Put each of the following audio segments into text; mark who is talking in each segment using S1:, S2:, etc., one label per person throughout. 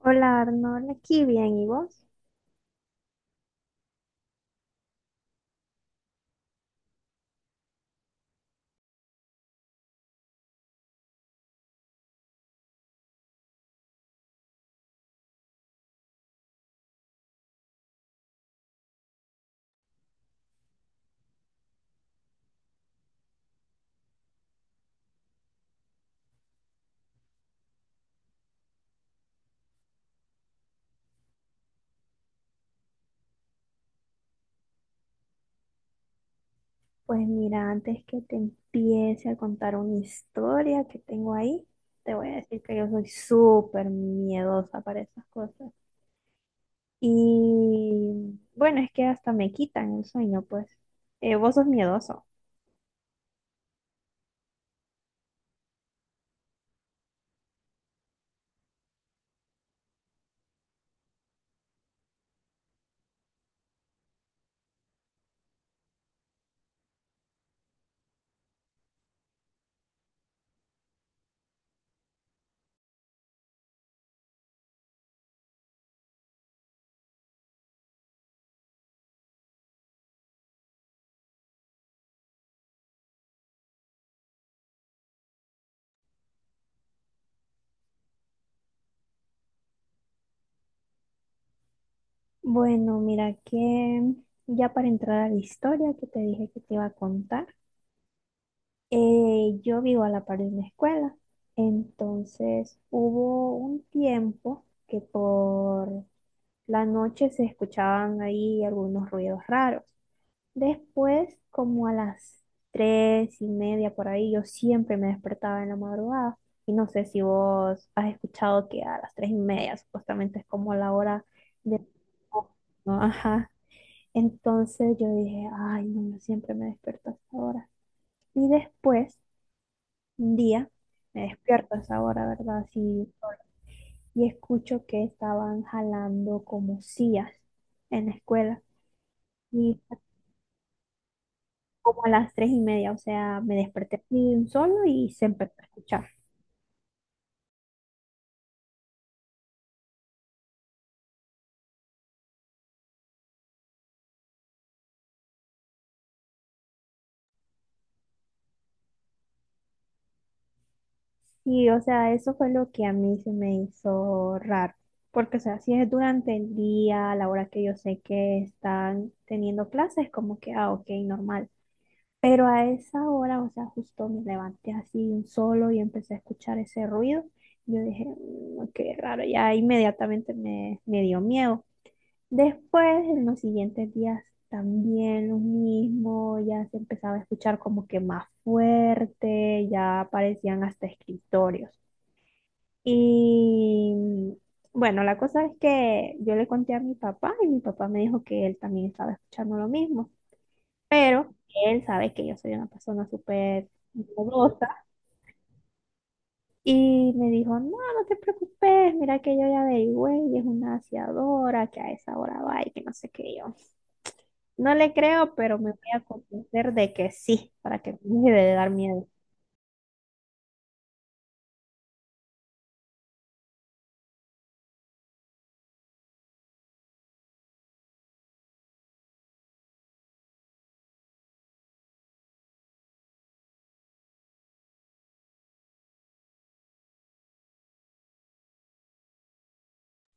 S1: Hola Arnold, aquí bien, ¿y vos? Pues mira, antes que te empiece a contar una historia que tengo ahí, te voy a decir que yo soy súper miedosa para esas cosas. Y bueno, es que hasta me quitan el sueño, pues. ¿Vos sos miedoso? Bueno, mira que ya para entrar a la historia que te dije que te iba a contar, yo vivo a la par de una escuela. Entonces hubo un tiempo que por la noche se escuchaban ahí algunos ruidos raros. Después, como a las 3:30 por ahí, yo siempre me despertaba en la madrugada. Y no sé si vos has escuchado que a las 3:30 supuestamente es como la hora de... ¿no? Ajá. Entonces yo dije, ay, no, yo siempre me despierto a esa hora. Y después, un día, me despierto a esa hora, ¿verdad? Así, y escucho que estaban jalando como sillas en la escuela. Y como a las tres y media, o sea, me desperté así de un solo y se empezó a escuchar. Y, o sea, eso fue lo que a mí se me hizo raro. Porque, o sea, si es durante el día, a la hora que yo sé que están teniendo clases, como que, ah, ok, normal. Pero a esa hora, o sea, justo me levanté así de un solo y empecé a escuchar ese ruido. Yo dije, "Mm, qué raro", ya inmediatamente me, dio miedo. Después, en los siguientes días, también lo mismo, ya se empezaba a escuchar como que más fuerte, ya aparecían hasta escritorios. Y bueno, la cosa es que yo le conté a mi papá y mi papá me dijo que él también estaba escuchando lo mismo, pero él sabe que yo soy una persona súper miedosa y me dijo, no, no te preocupes, mira que yo ya averigüé y es una aseadora que a esa hora va y que no sé qué yo. No le creo, pero me voy a convencer de que sí, para que me deje de dar miedo.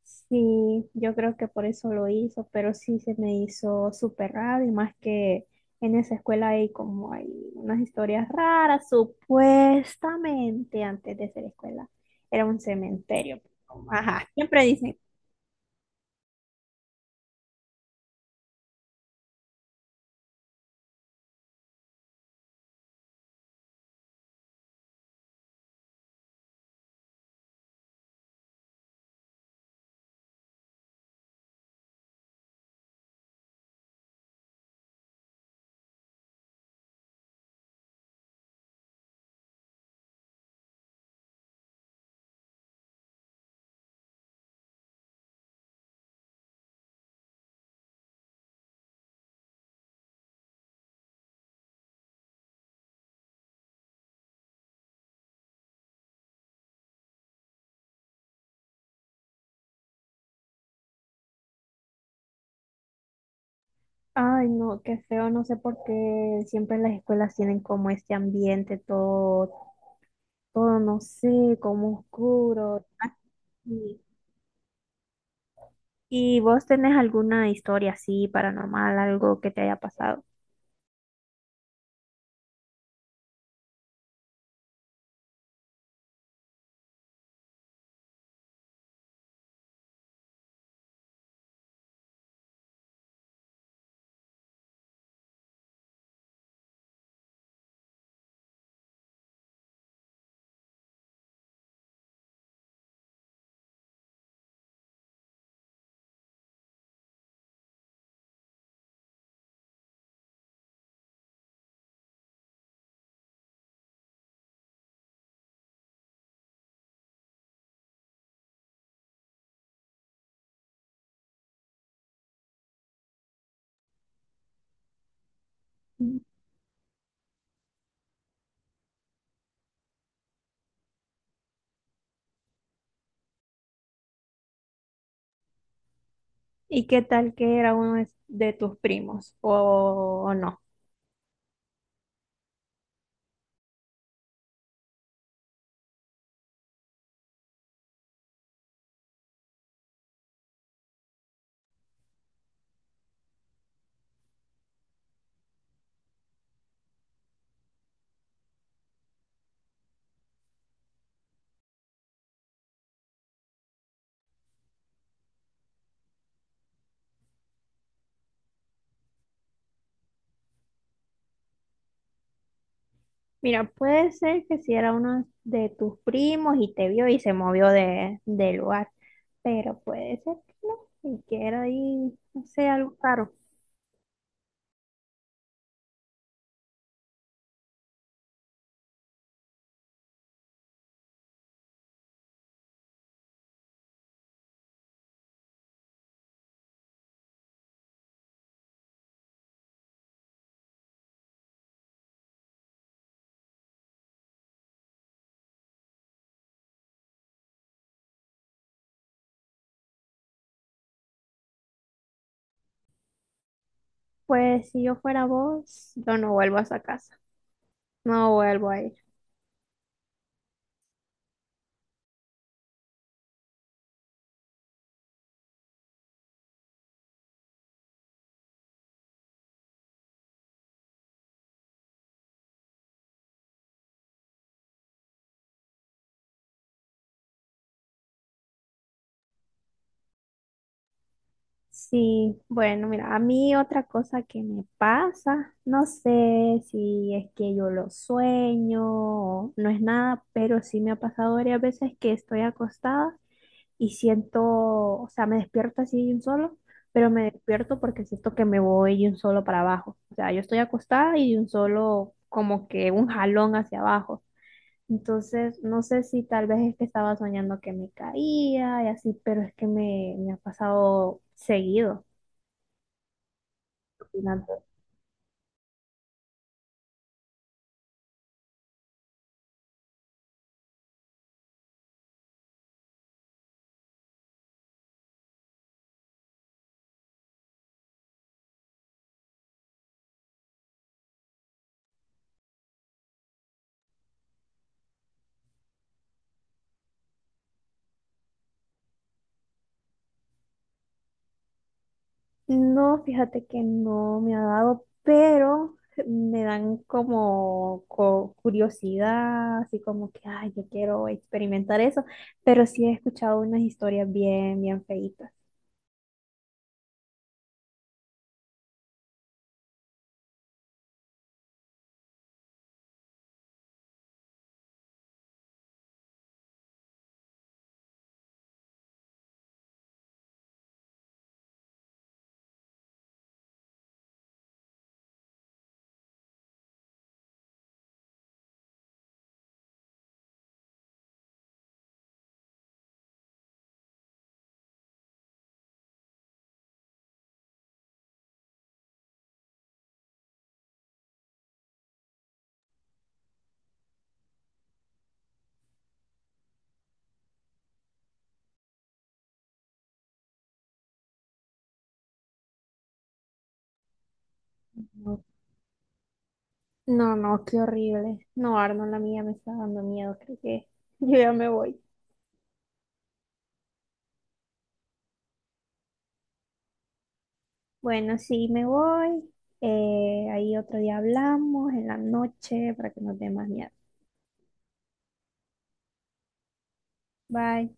S1: Sí, yo creo que por eso lo hizo, pero sí se me hizo súper raro y más que en esa escuela hay unas historias raras, supuestamente antes de ser escuela era un cementerio. Ajá, siempre dicen, ay no, qué feo, no sé por qué siempre las escuelas tienen como este ambiente todo no sé, como oscuro. Así. ¿Y vos tenés alguna historia así paranormal, algo que te haya pasado? Mm. ¿Y qué tal que era uno de tus primos o no? Mira, puede ser que si era uno de tus primos y te vio y se movió de, del lugar, pero puede ser que no, y que era ahí, no sé, algo raro. Pues si yo fuera vos, yo no vuelvo a esa casa, no vuelvo ahí. Sí, bueno, mira, a mí otra cosa que me pasa, no sé si es que yo lo sueño, o no es nada, pero sí me ha pasado varias veces que estoy acostada y siento, o sea, me despierto así de un solo, pero me despierto porque siento que me voy de un solo para abajo. O sea, yo estoy acostada y de un solo, como que un jalón hacia abajo. Entonces, no sé si tal vez es que estaba soñando que me caía y así, pero es que me, ha pasado seguido. Espinaca. No, fíjate que no me ha dado, pero me dan como curiosidad, así como que, ay, yo quiero experimentar eso, pero sí he escuchado unas historias bien, bien feitas. No, no, no, qué horrible. No, Arnold, la mía me está dando miedo, creo que yo ya me voy. Bueno, sí, me voy. Ahí otro día hablamos en la noche para que nos dé más miedo. Bye.